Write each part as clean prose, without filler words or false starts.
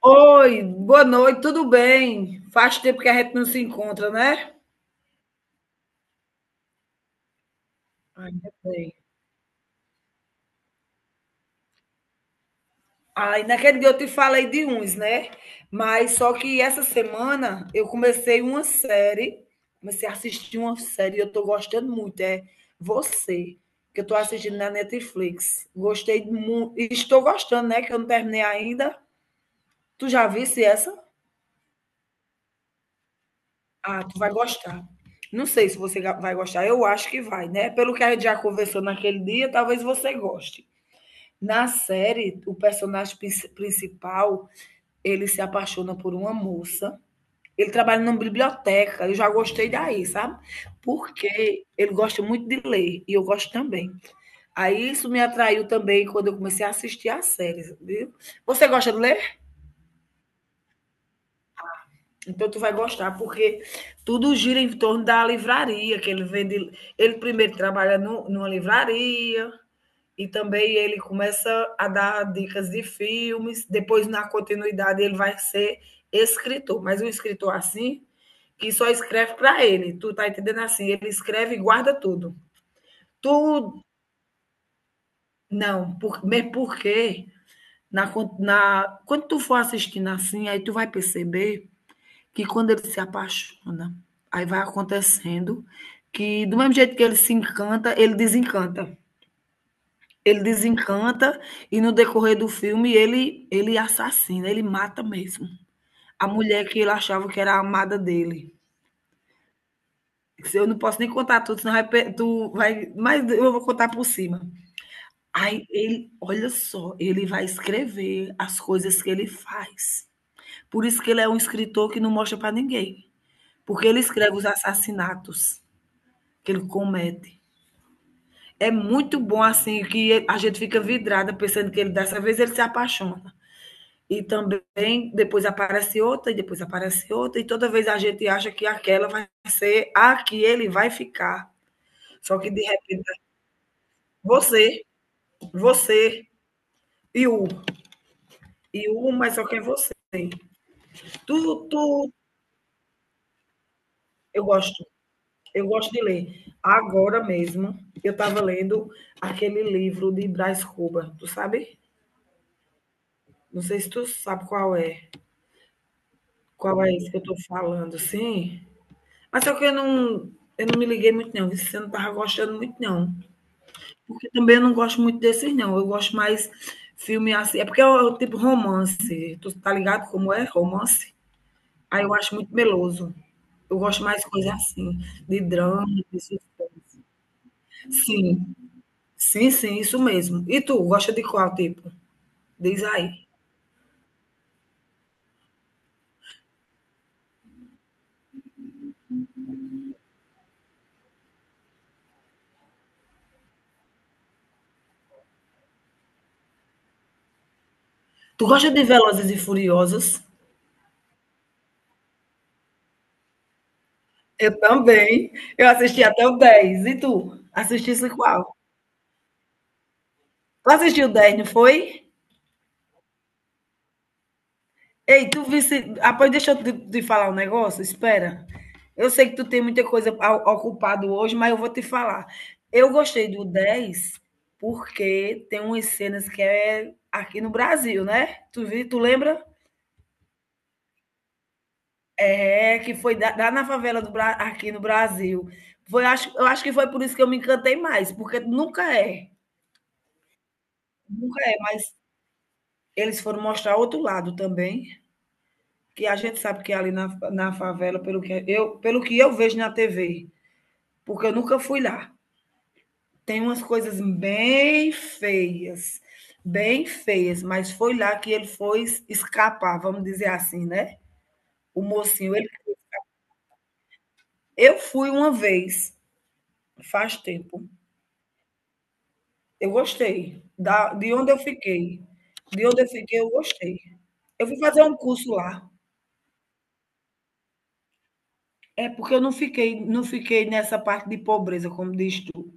Oi, boa noite, tudo bem? Faz tempo que a gente não se encontra, né? Ainda bem. Ai, naquele dia eu te falei de uns, né? Mas só que essa semana eu comecei uma série, comecei a assistir uma série, e eu tô gostando muito, é Você, que eu tô assistindo na Netflix. Gostei muito, estou gostando, né? Que eu não terminei ainda. Tu já visse essa? Ah, tu vai gostar. Não sei se você vai gostar. Eu acho que vai, né? Pelo que a gente já conversou naquele dia, talvez você goste. Na série, o personagem principal, ele se apaixona por uma moça. Ele trabalha numa biblioteca. Eu já gostei daí, sabe? Porque ele gosta muito de ler e eu gosto também. Aí isso me atraiu também quando eu comecei a assistir as séries, viu? Você gosta de ler? Então tu vai gostar, porque tudo gira em torno da livraria, que ele vende. Ele primeiro trabalha no numa livraria e também ele começa a dar dicas de filmes. Depois, na continuidade, ele vai ser escritor, mas um escritor assim que só escreve para ele. Tu tá entendendo assim? Ele escreve e guarda tudo. Tu não, por, mesmo porque na, quando tu for assistindo assim, aí tu vai perceber que quando ele se apaixona, aí vai acontecendo que, do mesmo jeito que ele se encanta, ele desencanta. Ele desencanta e no decorrer do filme ele assassina, ele mata mesmo. A mulher que ele achava que era a amada dele. Se eu não posso nem contar tudo, senão vai, tu vai, mas eu vou contar por cima. Aí ele, olha só, ele vai escrever as coisas que ele faz. Por isso que ele é um escritor que não mostra para ninguém, porque ele escreve os assassinatos que ele comete. É muito bom, assim, que a gente fica vidrada pensando que ele, dessa vez, ele se apaixona. E também, depois aparece outra, e depois aparece outra, e toda vez a gente acha que aquela vai ser a que ele vai ficar. Só que, de repente, você, você e o, mas só que é você. Tu, tu, eu gosto, eu gosto de ler. Agora mesmo, eu estava lendo aquele livro de Brás Cuba, tu sabe? Não sei se tu sabe qual é. Qual é esse que eu tô falando, sim? Mas só que eu não me liguei muito não, viu, eu não estava gostando muito não, porque também eu não gosto muito desses não, eu gosto mais filme assim é porque é o tipo romance, tu tá ligado como é romance? Aí eu acho muito meloso. Eu gosto mais de coisa assim, de drama, de suspense. Sim. Sim, sim, isso mesmo. E tu, gosta de qual tipo? Diz aí. Tu gosta de Velozes e Furiosos? Eu também. Eu assisti até o 10. E tu? Assistisse qual? Tu assistiu o dez, não foi? Ei, tu visse. Após, deixa eu te falar um negócio. Espera. Eu sei que tu tem muita coisa ocupado hoje, mas eu vou te falar. Eu gostei do 10 porque tem umas cenas que é aqui no Brasil, né? Tu vi, tu lembra? É que foi lá na favela do aqui no Brasil. Foi, acho, eu acho que foi por isso que eu me encantei mais, porque nunca é. Nunca é, mas eles foram mostrar outro lado também, que a gente sabe que é ali na favela, pelo que pelo que eu vejo na TV, porque eu nunca fui lá, tem umas coisas bem feias, mas foi lá que ele foi escapar, vamos dizer assim, né? O mocinho, ele, eu fui uma vez, faz tempo. Eu gostei de onde eu fiquei. De onde eu fiquei, eu gostei. Eu fui fazer um curso lá. É porque eu não fiquei nessa parte de pobreza, como diz tu.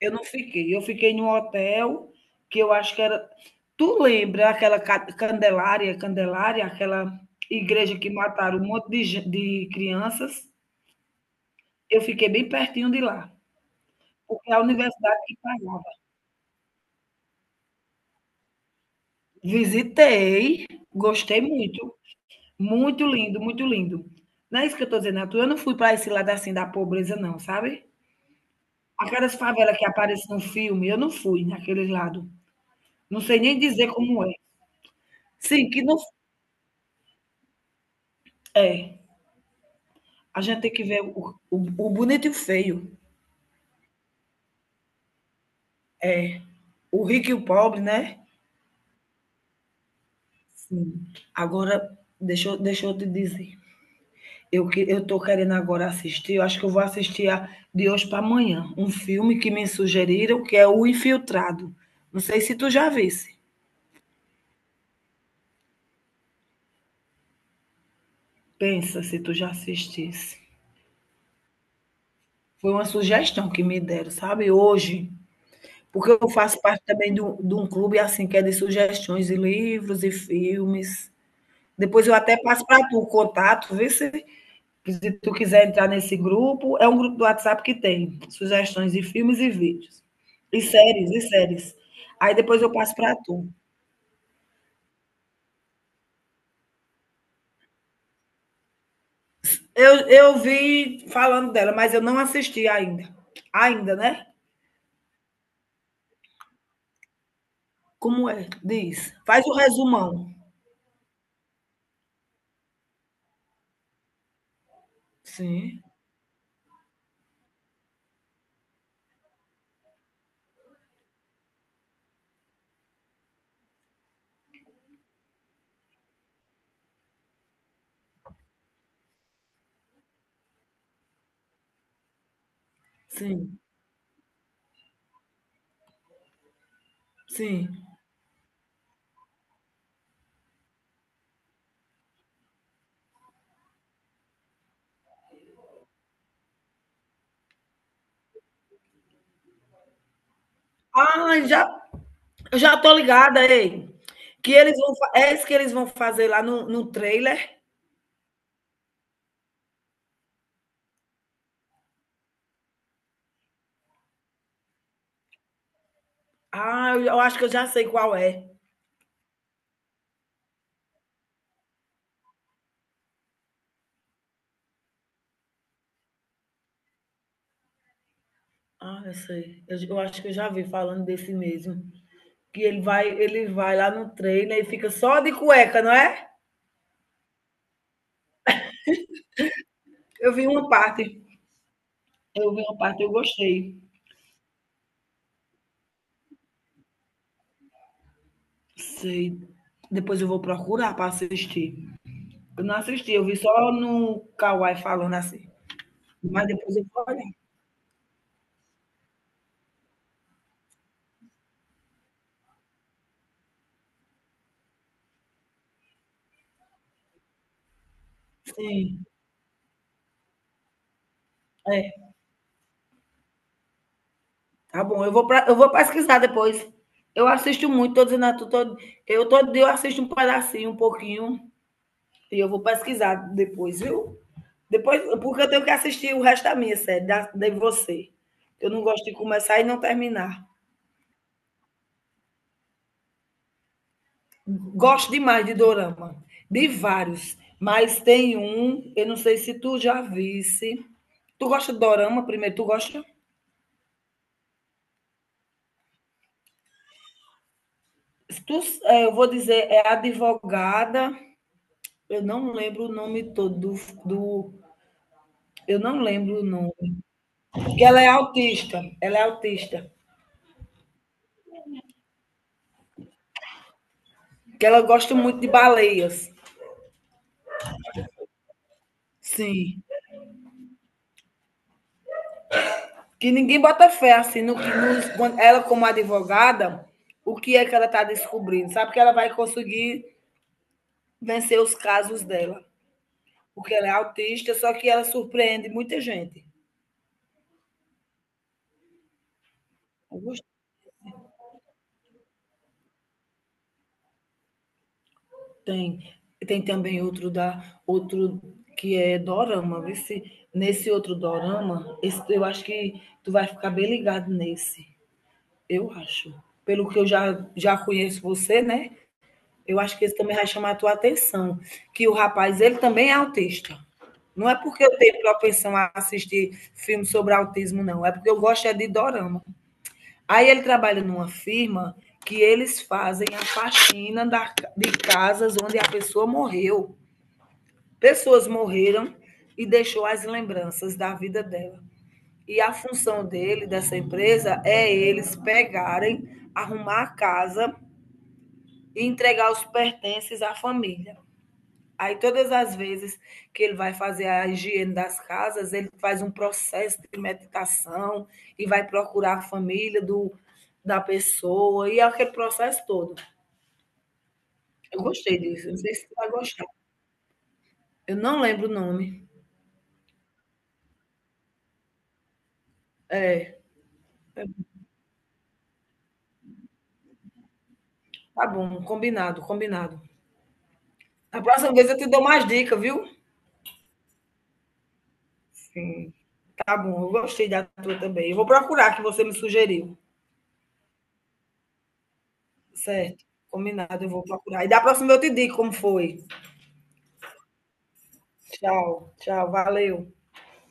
Eu não fiquei, eu fiquei num hotel que eu acho que era tu lembra aquela Candelária, aquela igreja que mataram um monte de, de crianças? Eu fiquei bem pertinho de lá, porque é a universidade que pagava. Visitei, gostei muito, muito lindo, muito lindo. Não é isso que eu estou dizendo, Arthur. Eu não fui para esse lado assim da pobreza, não, sabe? A cada favela que aparece no filme, eu não fui naquele lado. Não sei nem dizer como é. Sim, que não é. A gente tem que ver o bonito e o feio. É. O rico e o pobre, né? Sim. Agora, deixa, deixa eu te dizer. Eu, eu tô querendo agora assistir, eu acho que eu vou assistir de hoje para amanhã, um filme que me sugeriram, que é O Infiltrado. Não sei se tu já visse. Pensa se tu já assistisse. Foi uma sugestão que me deram, sabe? Hoje. Porque eu faço parte também de de um clube assim que é de sugestões de livros e filmes. Depois eu até passo para tu o contato, vê se, se tu quiser entrar nesse grupo. É um grupo do WhatsApp que tem sugestões de filmes e vídeos. E séries, e séries. Aí depois eu passo para tu. Eu vi falando dela, mas eu não assisti ainda. Ainda, né? Como é? Diz. Faz o resumão. Sim, sim, sim. Ah, já eu já tô ligada, ei. Que eles vão, é isso que eles vão fazer lá no trailer? Ah, eu acho que eu já sei qual é. Ah, eu sei. Eu acho que eu já vi falando desse mesmo. Que ele vai lá no trailer e fica só de cueca, não é? Eu vi uma parte. Eu vi uma parte, eu gostei. Sei. Depois eu vou procurar para assistir. Eu não assisti, eu vi só no Kawai falando assim. Mas depois eu vou olhar. Sim. É. Tá bom, eu vou, pra, eu vou pesquisar depois. Eu assisto muito, tô dizendo a tu, eu todo eu assisto um pedacinho, um pouquinho, e eu vou pesquisar depois, viu? Depois, porque eu tenho que assistir o resto da minha série, de você. Eu não gosto de começar e não terminar. Gosto demais de dorama, de vários, mas tem um, eu não sei se tu já visse. Tu gosta de dorama primeiro? Tu gosta? Se Tu, eh, eu vou dizer, é advogada. Eu não lembro o nome todo do. Eu não lembro o nome. Porque ela é autista. Ela é autista. Que ela gosta muito de baleias. Sim. Que ninguém bota fé, assim, no que ela, como advogada, o que é que ela está descobrindo. Sabe que ela vai conseguir vencer os casos dela. Porque ela é autista, só que ela surpreende muita gente. Eu tem. Tem também outro da outro que é dorama, vê se nesse outro dorama, eu acho que tu vai ficar bem ligado nesse. Eu acho. Pelo que eu já conheço você, né? Eu acho que esse também vai chamar a tua atenção, que o rapaz, ele também é autista. Não é porque eu tenho propensão a assistir filmes sobre autismo, não. É porque eu gosto é de dorama. Aí ele trabalha numa firma que eles fazem a faxina de casas onde a pessoa morreu. Pessoas morreram e deixou as lembranças da vida dela. E a função dele, dessa empresa, é eles pegarem, arrumar a casa e entregar os pertences à família. Aí, todas as vezes que ele vai fazer a higiene das casas, ele faz um processo de meditação e vai procurar a família da pessoa e é aquele processo todo. Eu gostei disso, não sei se você vai gostar. Eu não lembro o nome. É, tá bom, combinado, combinado. A próxima vez eu te dou mais dicas, viu? Sim. Tá bom, eu gostei da tua também. Eu vou procurar que você me sugeriu. Certo. Combinado, eu vou procurar. E da próxima eu te digo como foi. Tchau, tchau, valeu.